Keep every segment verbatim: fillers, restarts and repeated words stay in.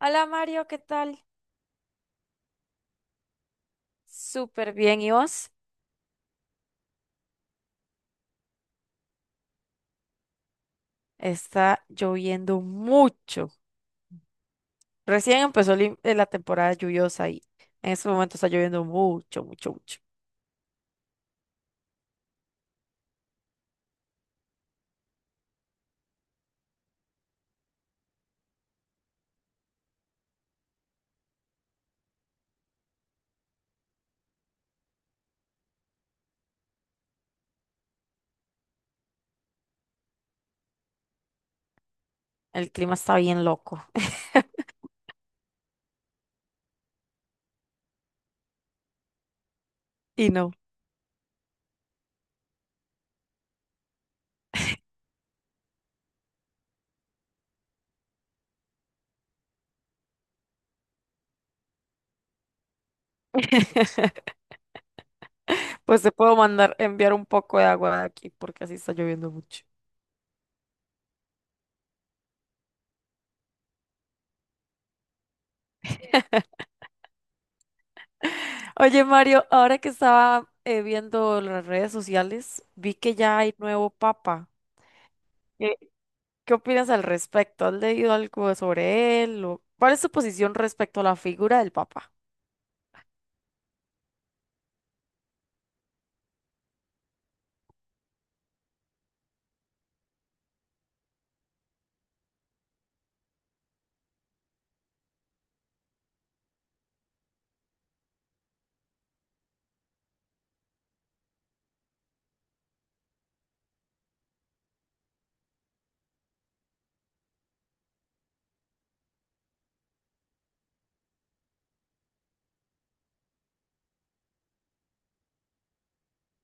Hola Mario, ¿qué tal? Súper bien, ¿y vos? Está lloviendo mucho. Recién empezó li- eh, la temporada lluviosa y en este momento está lloviendo mucho, mucho, mucho. El clima está bien loco. Y no. Pues te puedo mandar, enviar un poco de agua de aquí porque así está lloviendo mucho. Oye Mario, ahora que estaba eh, viendo las redes sociales, vi que ya hay nuevo papa. ¿Qué opinas al respecto? ¿Has leído algo sobre él? o- ¿Cuál es tu posición respecto a la figura del Papa?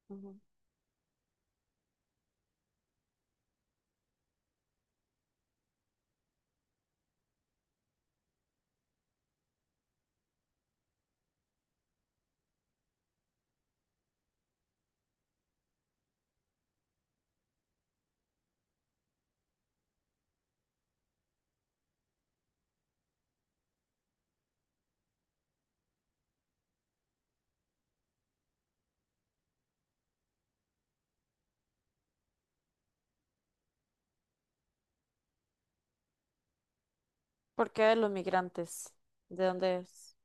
Ujú. ¿Por qué de los migrantes? ¿De dónde es?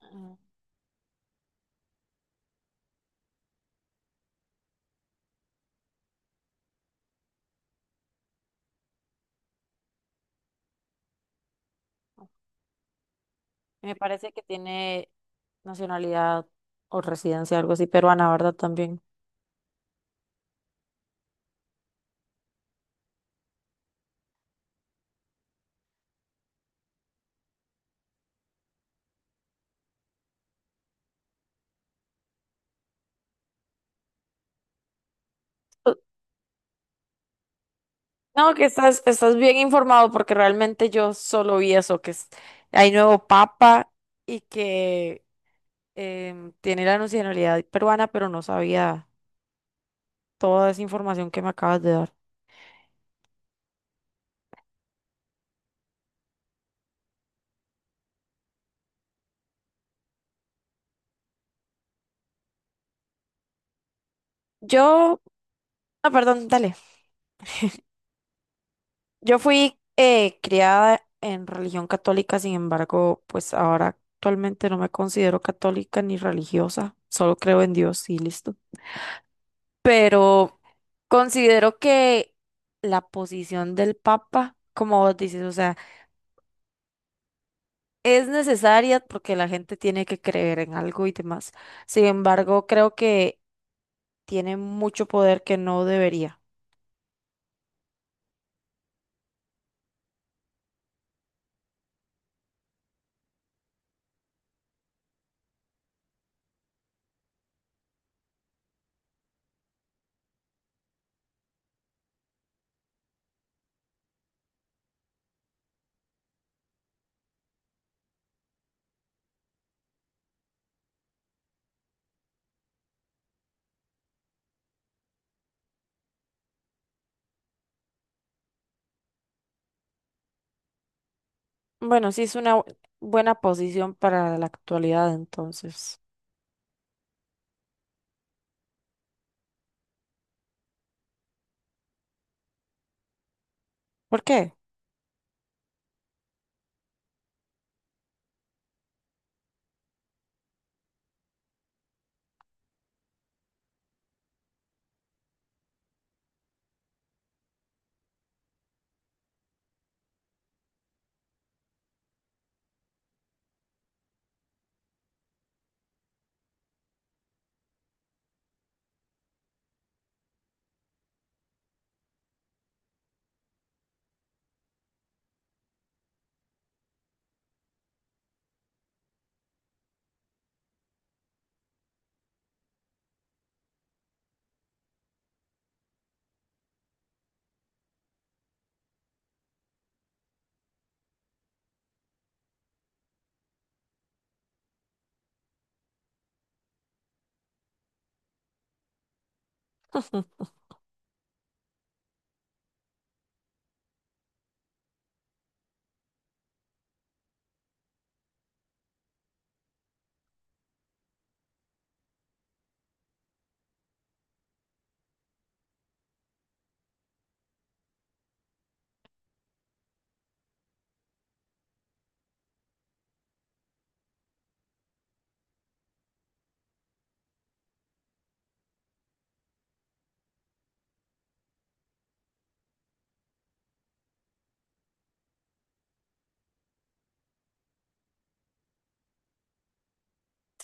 Ah, me parece que tiene nacionalidad o residencia, algo así, peruana, ¿verdad? También. No, que estás, estás bien informado porque realmente yo solo vi eso, que es- hay nuevo papa y que em, tiene la nacionalidad peruana, pero no sabía toda esa información que me acabas de dar. Yo, ah, perdón, dale. Yo fui eh, criada en religión católica, sin embargo, pues ahora actualmente no me considero católica ni religiosa, solo creo en Dios y listo. Pero considero que la posición del papa, como vos dices, o sea, es necesaria porque la gente tiene que creer en algo y demás. Sin embargo, creo que tiene mucho poder que no debería. Bueno, sí es una bu- buena posición para la actualidad, entonces. ¿Por qué?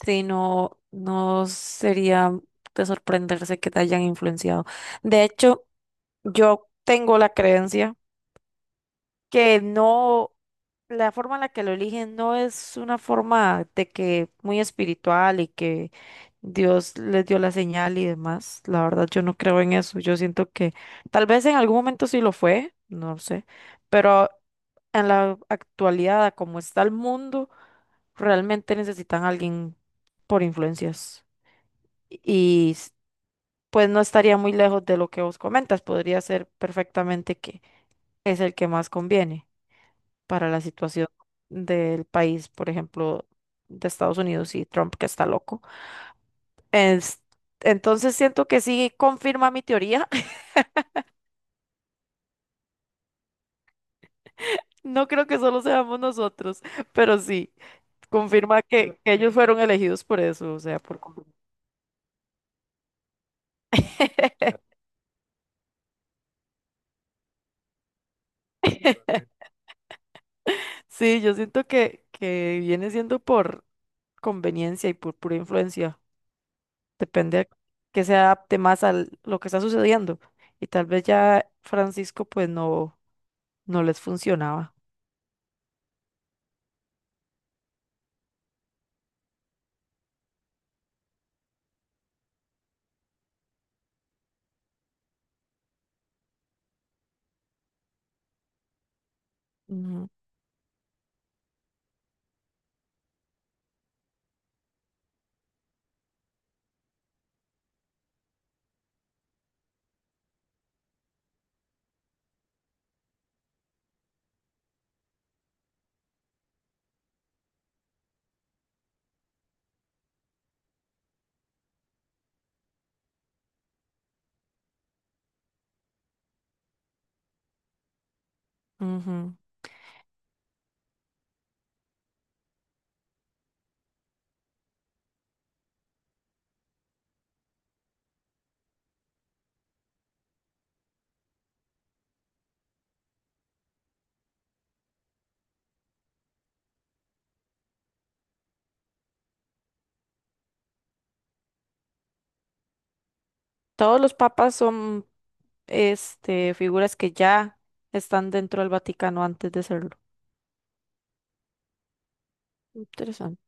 Sí, no, no sería de sorprenderse que te hayan influenciado. De hecho, yo tengo la creencia que no, la forma en la que lo eligen no es una forma de que muy espiritual y que Dios les dio la señal y demás. La verdad, yo no creo en eso. Yo siento que tal vez en algún momento sí lo fue, no sé, pero en la actualidad, a como está el mundo, realmente necesitan a alguien por influencias. Y s- pues no estaría muy lejos de lo que vos comentas. Podría ser perfectamente que es el que más conviene para la situación del país, por ejemplo, de Estados Unidos y Trump, que está loco. Es- entonces siento que sí confirma mi teoría. No creo que solo seamos nosotros, pero sí, confirma que, que ellos fueron elegidos por eso, o sea, por conveniencia. Sí, yo siento que, que viene siendo por conveniencia y por pura influencia. Depende a que se adapte más a lo que está sucediendo. Y tal vez ya Francisco pues no, no les funcionaba. Ujú. Ujú. Todos los papas son, este, figuras que ya están dentro del Vaticano antes de serlo. Interesante.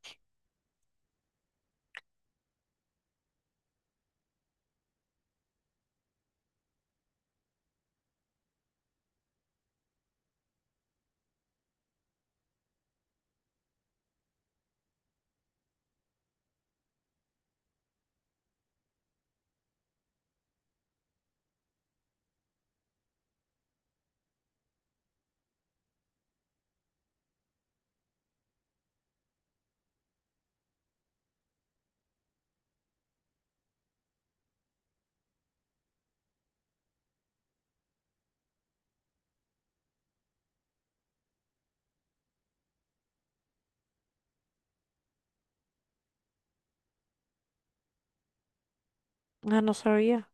Ah, no sabía.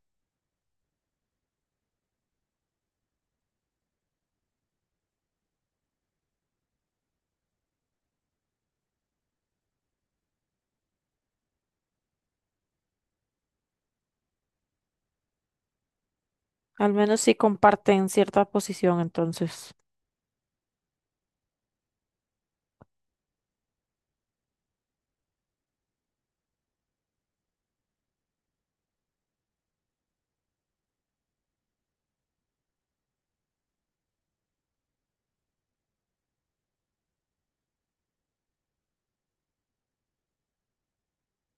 Al menos sí comparten cierta posición, entonces.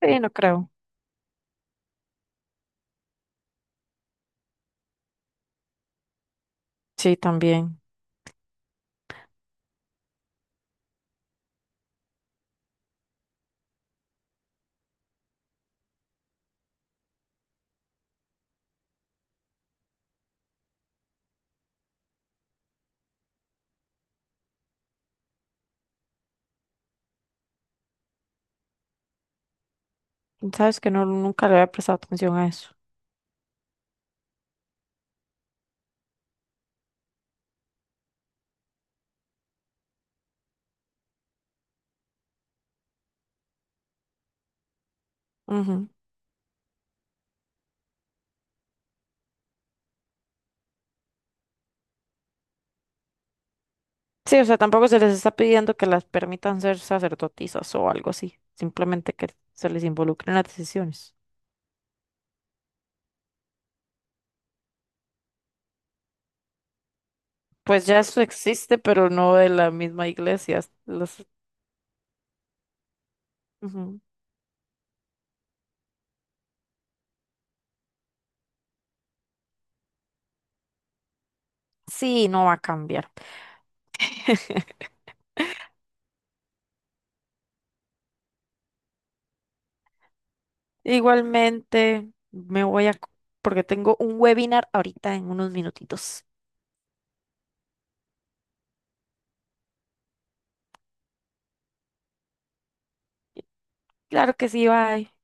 Sí, no creo. Sí, también. Sabes que no, nunca le había prestado atención a eso. Ujú. Sí, o sea, tampoco se les está pidiendo que las permitan ser sacerdotisas o algo así. Simplemente que se les involucren en las decisiones. Pues ya eso existe, pero no de la misma iglesia. Los... Sí, no va a cambiar. Igualmente, me voy a... porque tengo un webinar ahorita en unos minutitos. Claro que sí, bye.